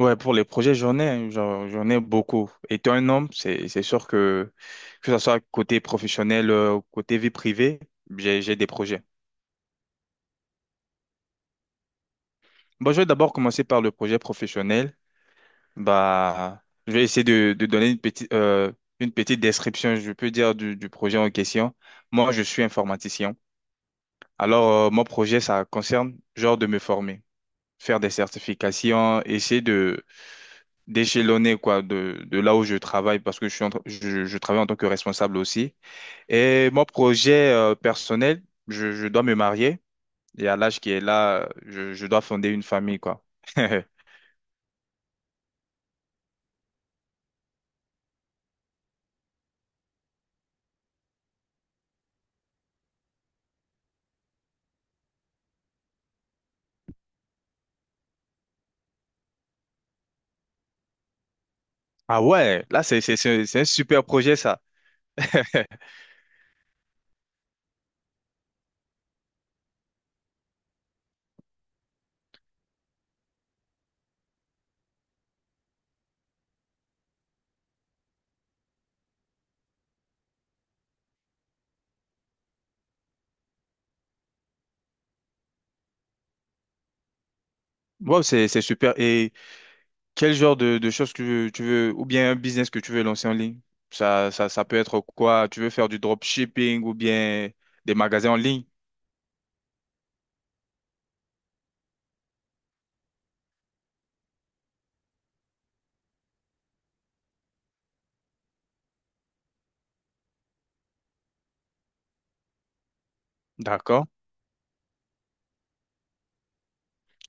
Ouais, pour les projets, j'en ai, hein, j'en ai beaucoup. Étant un homme, c'est sûr que ce soit côté professionnel ou côté vie privée, j'ai des projets. Bon, je vais d'abord commencer par le projet professionnel. Bah, je vais essayer de donner une petite description, je peux dire du projet en question. Moi, je suis informaticien. Alors, mon projet, ça concerne genre de me former, faire des certifications, essayer d'échelonner quoi de là où je travaille parce que je travaille en tant que responsable aussi. Et mon projet personnel, je dois me marier et à l'âge qui est là, je dois fonder une famille quoi. Ah ouais, là c'est un super projet ça. Wow, c'est super. Et quel genre de choses que tu veux, ou bien un business que tu veux lancer en ligne? Ça peut être quoi? Tu veux faire du dropshipping ou bien des magasins en ligne? D'accord.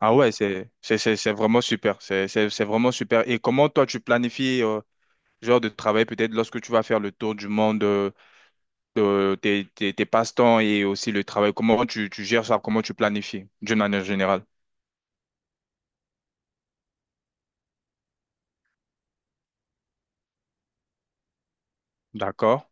Ah ouais, c'est vraiment super. C'est vraiment super. Et comment toi tu planifies ce genre de travail peut-être lorsque tu vas faire le tour du monde, de tes passe-temps et aussi le travail. Comment tu gères ça? Comment tu planifies d'une manière générale? D'accord.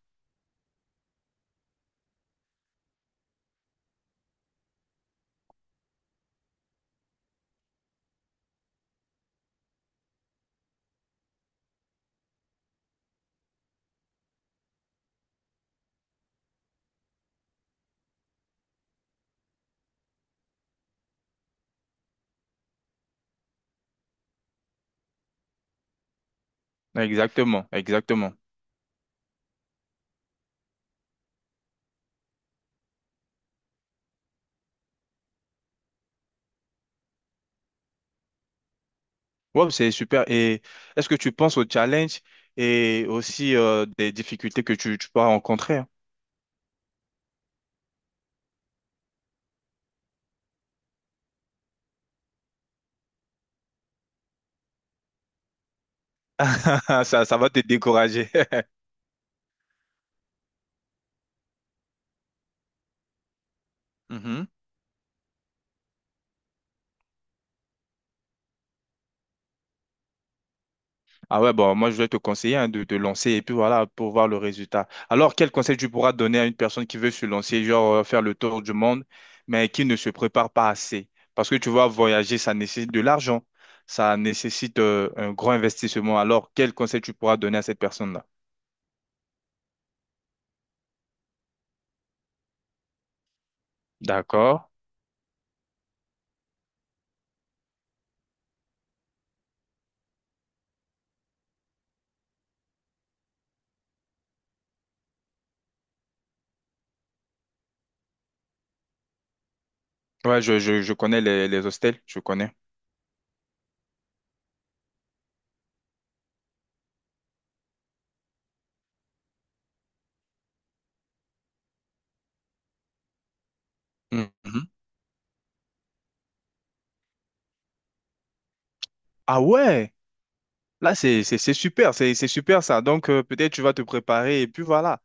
Exactement, exactement. Ouais, c'est super. Et est-ce que tu penses aux challenges et aussi des difficultés que tu peux rencontrer, hein? Ça ça va te décourager. Ah ouais, bon, moi je vais te conseiller, hein, de te lancer et puis voilà, pour voir le résultat. Alors, quel conseil tu pourras donner à une personne qui veut se lancer, genre faire le tour du monde, mais qui ne se prépare pas assez? Parce que tu vois, voyager, ça nécessite de l'argent, ça nécessite un grand investissement. Alors, quel conseil tu pourras donner à cette personne-là? D'accord. Ouais, je connais les hostels, je connais. Mhm. Ah ouais, là c'est super, c'est super ça. Donc peut-être tu vas te préparer et puis voilà.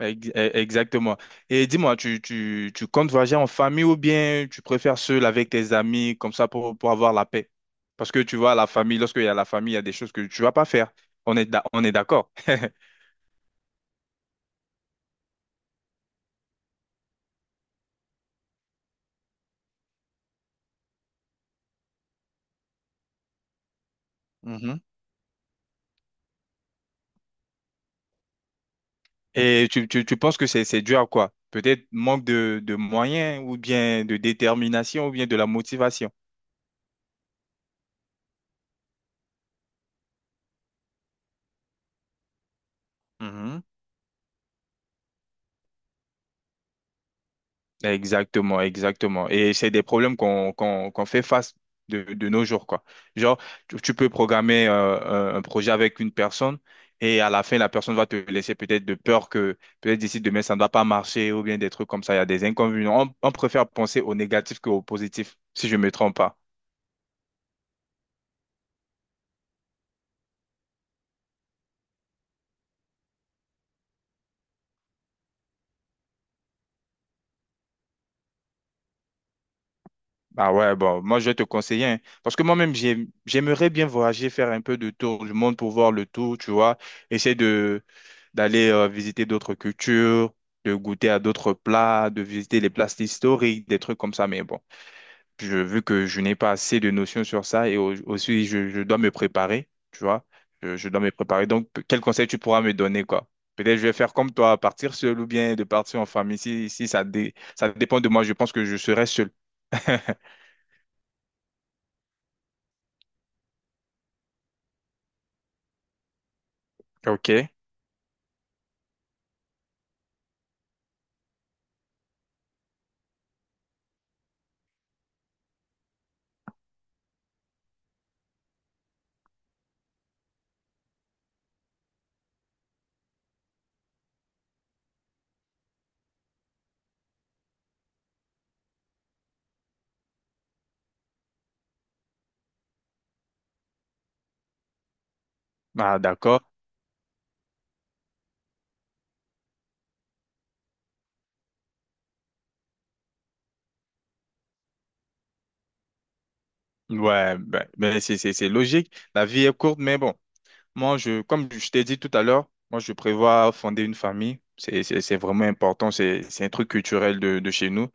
Exactement. Et dis-moi, tu comptes voyager en famille ou bien tu préfères seul avec tes amis comme ça pour avoir la paix? Parce que tu vois, la famille, lorsqu'il y a la famille, il y a des choses que tu vas pas faire. On est, on est d'accord. Mhm. Et tu penses que c'est dû à quoi? Peut-être manque de moyens ou bien de détermination ou bien de la motivation. Exactement, exactement. Et c'est des problèmes qu'on fait face de nos jours, quoi. Genre, tu peux programmer un projet avec une personne et à la fin, la personne va te laisser peut-être de peur que peut-être d'ici demain, ça ne va pas marcher ou bien des trucs comme ça. Il y a des inconvénients. On préfère penser au négatif qu'au positif, si je ne me trompe pas. Ah ouais, bon, moi je vais te conseiller, hein, parce que j'aimerais bien voyager, faire un peu de tour du monde pour voir le tour, tu vois, essayer de d'aller visiter d'autres cultures, de goûter à d'autres plats, de visiter les places historiques, des trucs comme ça, mais bon, vu que je n'ai pas assez de notions sur ça et aussi je dois me préparer, tu vois, je dois me préparer, donc quel conseil tu pourras me donner, quoi? Peut-être je vais faire comme toi, partir seul ou bien de partir en famille, si, ça, ça dépend de moi, je pense que je serai seul. Ok. Ah, d'accord. Ouais, ben, c'est logique. La vie est courte, mais bon, comme je t'ai dit tout à l'heure, moi, je prévois fonder une famille. C'est vraiment important. C'est un truc culturel de chez nous.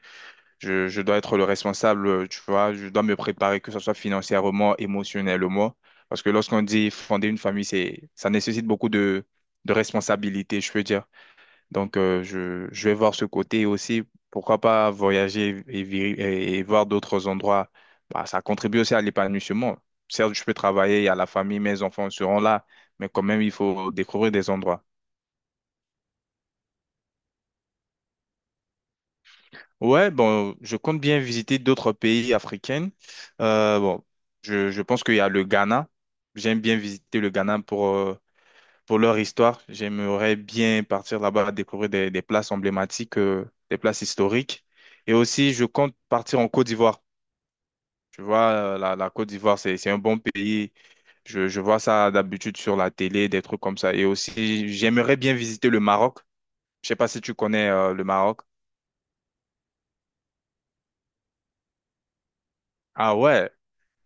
Je dois être le responsable, tu vois. Je dois me préparer, que ce soit financièrement, émotionnellement. Parce que lorsqu'on dit fonder une famille, ça nécessite beaucoup de responsabilité, je peux dire. Donc, je vais voir ce côté aussi. Pourquoi pas voyager et voir d'autres endroits. Bah, ça contribue aussi à l'épanouissement. Certes, je peux travailler, il y a la famille, mes enfants seront là, mais quand même, il faut découvrir des endroits. Ouais, bon, je compte bien visiter d'autres pays africains. Bon, je pense qu'il y a le Ghana. J'aime bien visiter le Ghana pour. Pour leur histoire. J'aimerais bien partir là-bas, découvrir des places emblématiques, des places historiques. Et aussi, je compte partir en Côte d'Ivoire. Tu vois, la Côte d'Ivoire, c'est un bon pays. Je vois ça d'habitude sur la télé, des trucs comme ça. Et aussi, j'aimerais bien visiter le Maroc. Je sais pas si tu connais, le Maroc. Ah ouais,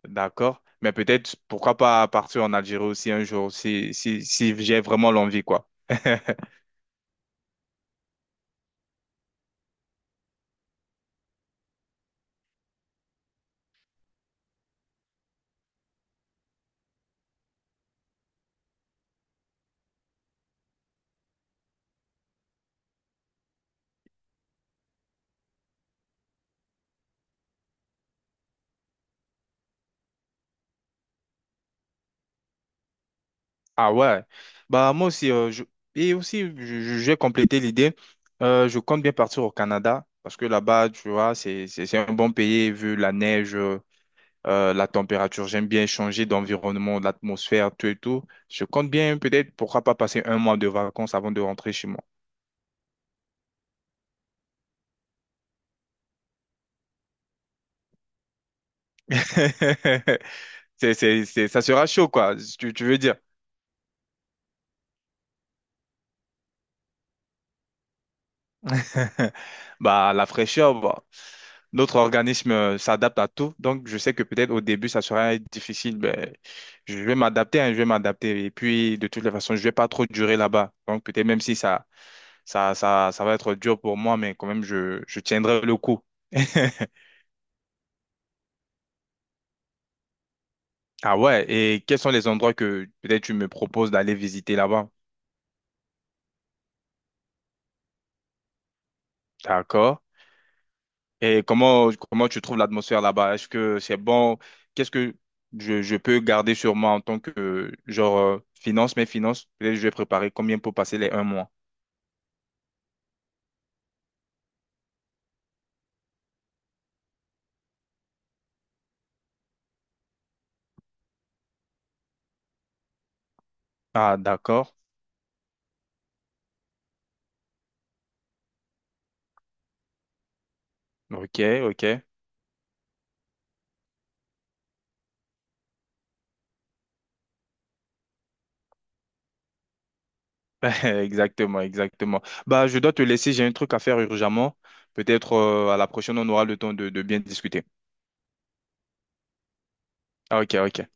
d'accord. Mais peut-être, pourquoi pas partir en Algérie aussi un jour, si, si j'ai vraiment l'envie, quoi. Ah ouais, bah moi aussi, je... et aussi, j'ai complété l'idée. Je compte bien partir au Canada, parce que là-bas, tu vois, c'est un bon pays, vu la neige, la température, j'aime bien changer d'environnement, l'atmosphère, tout et tout. Je compte bien peut-être, pourquoi pas passer un mois de vacances avant de rentrer chez moi. Ça sera chaud, quoi, si tu veux dire. Bah, la fraîcheur, bah, notre organisme s'adapte à tout. Donc, je sais que peut-être au début, ça sera difficile. Mais je vais m'adapter, hein, je vais m'adapter. Et puis, de toutes les façons, je vais pas trop durer là-bas. Donc, peut-être même si ça va être dur pour moi, mais quand même, je tiendrai le coup. Ah ouais, et quels sont les endroits que peut-être tu me proposes d'aller visiter là-bas? D'accord. Et comment tu trouves l'atmosphère là-bas? Est-ce que c'est bon? Qu'est-ce que je peux garder sur moi en tant que, genre, mes finances? Peut-être je vais préparer combien pour passer les un mois? Ah, d'accord. Ok, ok. Exactement, exactement. Bah, je dois te laisser, j'ai un truc à faire urgemment. Peut-être, à la prochaine, on aura le temps de bien discuter. Ah, ok, ok.